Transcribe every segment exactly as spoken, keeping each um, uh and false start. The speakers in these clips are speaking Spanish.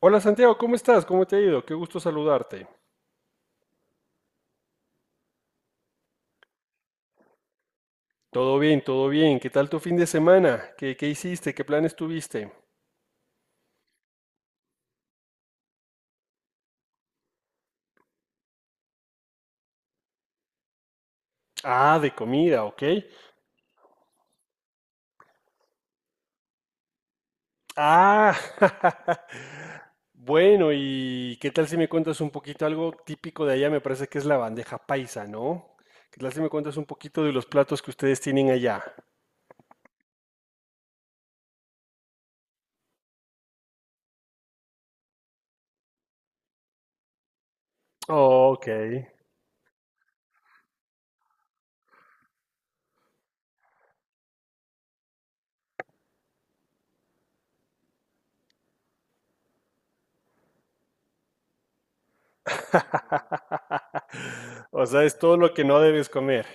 Hola Santiago, ¿cómo estás? ¿Cómo te ha ido? Qué gusto saludarte. Todo bien, todo bien. ¿Qué tal tu fin de semana? ¿Qué, qué hiciste? ¿Qué planes tuviste? Ah, de comida, ¿ok? Ah, bueno, ¿y qué tal si me cuentas un poquito algo típico de allá? Me parece que es la bandeja paisa, ¿no? ¿Qué tal si me cuentas un poquito de los platos que ustedes tienen allá? Ok. O sea, es todo lo que no debes comer.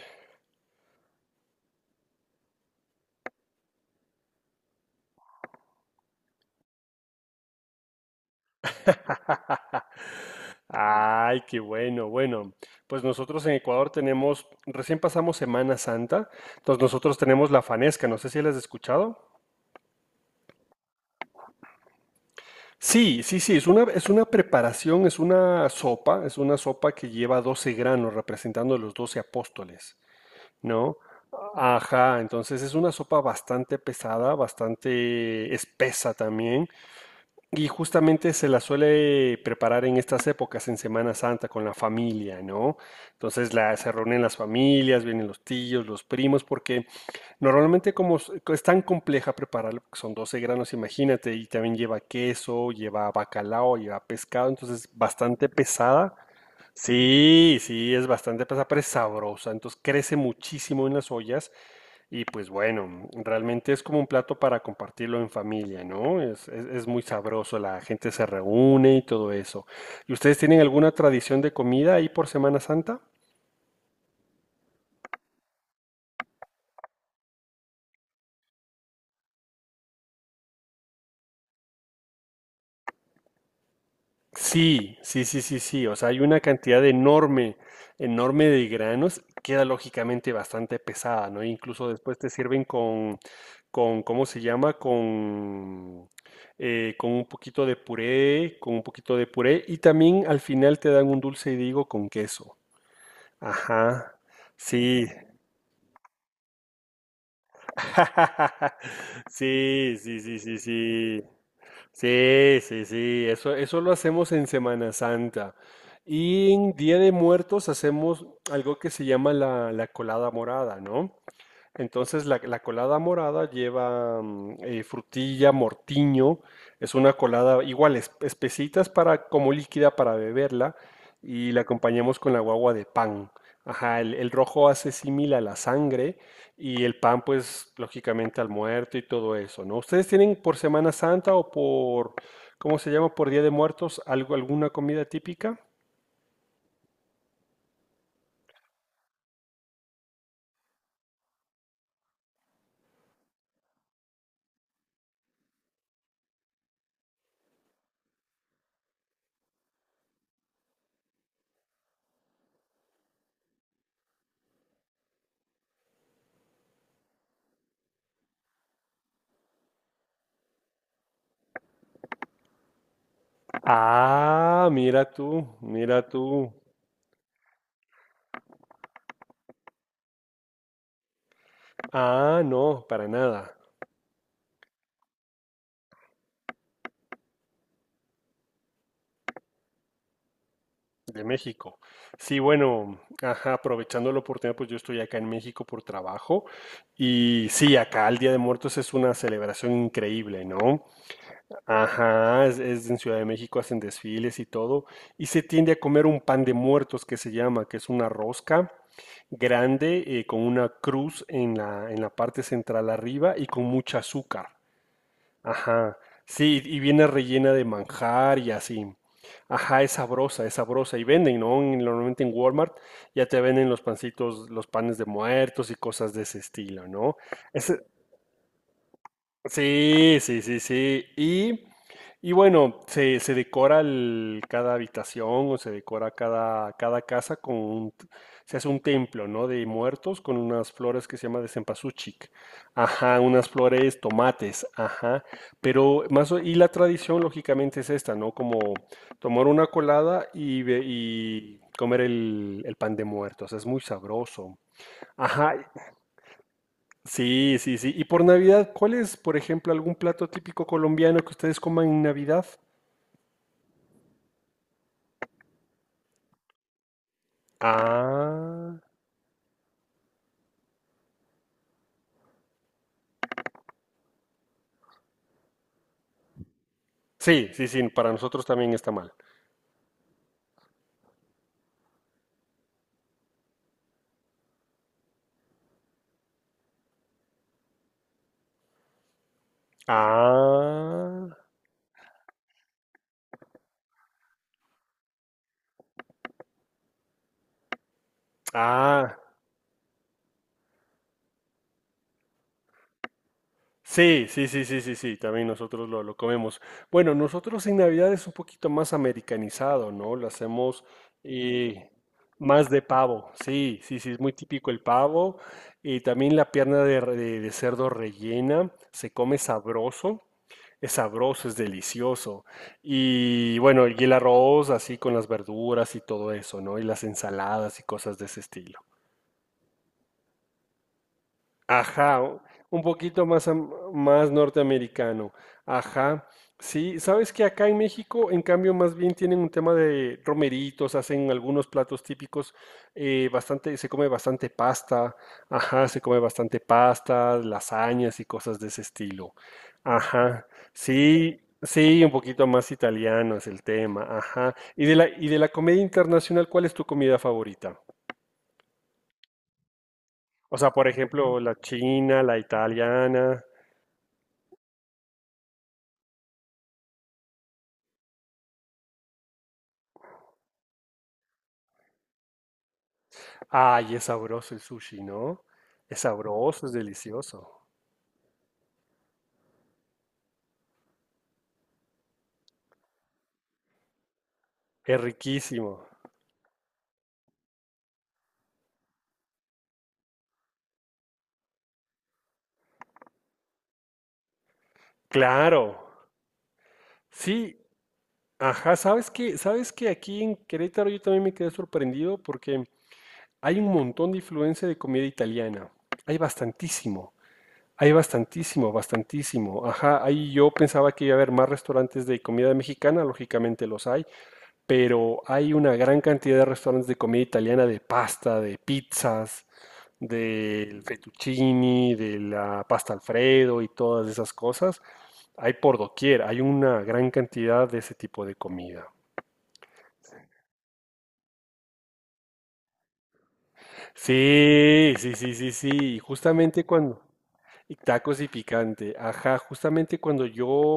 Ay, qué bueno, bueno. Pues nosotros en Ecuador tenemos, recién pasamos Semana Santa, entonces nosotros tenemos la fanesca, no sé si la has escuchado. Sí, sí, sí, es una, es una preparación, es una sopa, es una sopa que lleva doce granos representando los doce apóstoles, ¿no? Ajá, entonces es una sopa bastante pesada, bastante espesa también. Y justamente se la suele preparar en estas épocas, en Semana Santa, con la familia, ¿no? Entonces la, se reúnen las familias, vienen los tíos, los primos, porque normalmente como s- co- es tan compleja prepararlo, porque son doce granos, imagínate, y también lleva queso, lleva bacalao, lleva pescado, entonces bastante pesada. Sí, sí, es bastante pesada, pero es sabrosa, entonces crece muchísimo en las ollas y pues bueno, realmente es como un plato para compartirlo en familia, ¿no? Es, es- es muy sabroso, la gente se reúne y todo eso. ¿Y ustedes tienen alguna tradición de comida ahí por Semana Santa? Sí, sí, sí, sí, sí. O sea, hay una cantidad de enorme, enorme de granos. Queda lógicamente bastante pesada, ¿no? Incluso después te sirven con, con, ¿cómo se llama? Con, eh, con un poquito de puré, con un poquito de puré. Y también al final te dan un dulce y digo con queso. Ajá. Sí. Sí, sí, sí, sí, sí. Sí, sí, sí. Eso, eso lo hacemos en Semana Santa. Y en Día de Muertos hacemos algo que se llama la, la colada morada, ¿no? Entonces la, la colada morada lleva mm, eh, frutilla, mortiño, es una colada igual, es- espesitas para, como líquida para beberla y la acompañamos con la guagua de pan. Ajá, el, el rojo hace símil a la sangre y el pan pues lógicamente al muerto y todo eso, ¿no? ¿Ustedes tienen por Semana Santa o por, ¿cómo se llama? Por Día de Muertos, algo, alguna comida típica? Ah, mira tú, mira tú. Ah, no, para nada. De México. Sí, bueno, ajá, aprovechando la oportunidad, pues yo estoy acá en México por trabajo y sí, acá el Día de Muertos es una celebración increíble, ¿no? Ajá, es, es en Ciudad de México, hacen desfiles y todo, y se tiende a comer un pan de muertos que se llama, que es una rosca grande eh, con una cruz en la, en la parte central arriba y con mucha azúcar. Ajá, sí, y viene rellena de manjar y así. Ajá, es sabrosa, es sabrosa. Y venden, ¿no? En- Normalmente en Walmart ya te venden los pancitos, los panes de muertos y cosas de ese estilo, ¿no? Sí, sí, sí, sí. Y, y bueno, se, se decora el- cada habitación o se decora cada, cada casa con un, se hace un templo, ¿no? De muertos con unas flores que se llama de cempasúchil. Ajá, unas flores tomates, ajá. Pero más o- y la tradición lógicamente es esta, ¿no? Como tomar una colada y, ve- y comer el, el pan de muertos. Es muy sabroso. Ajá, sí, sí, sí. Y por Navidad, ¿cuál es, por ejemplo, algún plato típico colombiano que ustedes coman en Navidad? Ah, sí, sí, sí, para nosotros también está mal. Ah, ah, sí, sí, sí, sí, sí, sí, también nosotros lo, lo comemos. Bueno, nosotros en Navidad es un poquito más americanizado, ¿no? Lo hacemos eh, más de pavo, sí, sí, sí, es muy típico el pavo. Y también la pierna de, re- de- de cerdo rellena, se come sabroso, es sabroso, es delicioso. Y bueno, y el arroz así con las verduras y todo eso, ¿no? Y las ensaladas y cosas de ese estilo. Ajá, o- un poquito más, am- más norteamericano. Ajá, sí, sabes que acá en México, en cambio, más bien tienen un tema de romeritos, hacen algunos platos típicos, eh, bastante, se come bastante pasta, ajá, se come bastante pasta, lasañas y cosas de ese estilo. Ajá, sí, sí, un poquito más italiano es el tema, ajá. Y de la, y de la comida internacional, ¿cuál es tu comida favorita? O sea, por ejemplo, la china, la italiana. Ay, es sabroso el sushi, ¿no? Es sabroso, es delicioso, es riquísimo. Claro, sí, ajá, ¿sabes qué? ¿Sabes que aquí en Querétaro yo también me quedé sorprendido porque hay un montón de influencia de comida italiana. Hay bastantísimo, hay bastantísimo, bastantísimo. Ajá, ahí yo pensaba que iba a haber más restaurantes de comida mexicana, lógicamente los hay, pero hay una gran cantidad de restaurantes de comida italiana, de pasta, de pizzas, del fettuccini, de la pasta Alfredo y todas esas cosas. Hay por doquier, hay una gran cantidad de ese tipo de comida. Sí, sí, sí, sí, sí. y Justamente cuando, Y tacos y picante. Ajá, justamente cuando yo,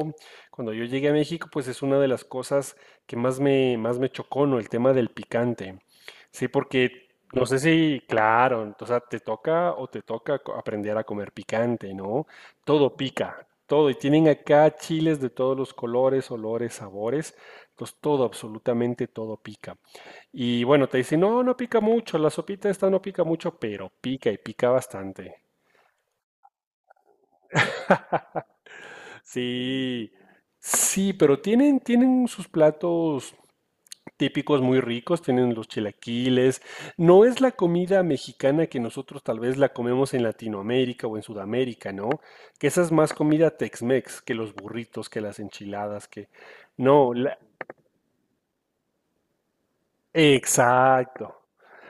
cuando yo llegué a México, pues es una de las cosas que más me, más me chocó, ¿no? El tema del picante. Sí, porque no sé si, claro, o sea, te toca o te toca co- aprender a comer picante, ¿no? Todo pica, todo. Y tienen acá chiles de todos los colores, olores, sabores. Entonces, todo, absolutamente todo pica. Y bueno, te dicen, no, no pica mucho, la sopita esta no pica mucho, pero pica y pica bastante. Sí, sí, pero tienen, tienen sus platos típicos muy ricos, tienen los chilaquiles. No es la comida mexicana que nosotros tal vez la comemos en Latinoamérica o en Sudamérica, ¿no? Que esa es más comida Tex-Mex que los burritos, que las enchiladas, que... No, la- exacto.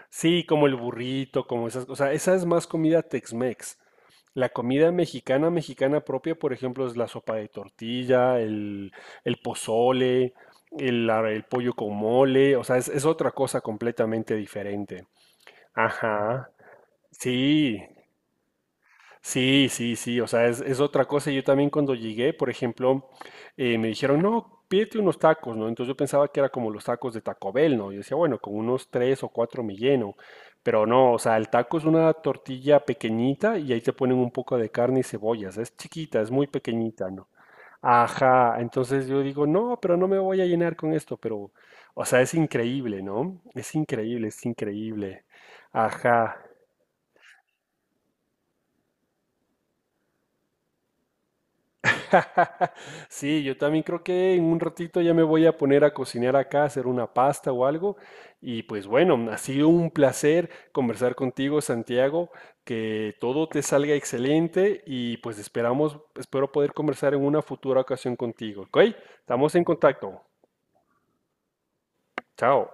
Sí, como el burrito, como esas, o sea, esa es más comida Tex-Mex. La comida mexicana, mexicana propia, por ejemplo, es la sopa de tortilla, el, el pozole, el, la- el pollo con mole, o sea, es, es otra cosa completamente diferente. Ajá, sí, sí, sí, sí, o sea, es, es otra cosa. Yo también cuando llegué, por ejemplo, eh, me dijeron, no, pídete unos tacos, ¿no? Entonces yo pensaba que era como los tacos de Taco Bell, ¿no? Yo decía, bueno, con unos tres o cuatro me lleno, pero no, o sea, el taco es una tortilla pequeñita y ahí te ponen un poco de carne y cebollas, es chiquita, es muy pequeñita, ¿no? Ajá, entonces yo digo, no, pero no me voy a llenar con esto, pero, o sea, es increíble, ¿no? Es increíble, es increíble. Ajá. Sí, yo también creo que en un ratito ya me voy a poner a cocinar acá, a hacer una pasta o algo. Y pues bueno, ha sido un placer conversar contigo, Santiago, que todo te salga excelente y pues esperamos, espero poder conversar en una futura ocasión contigo, ¿ok? Estamos en contacto. Chao.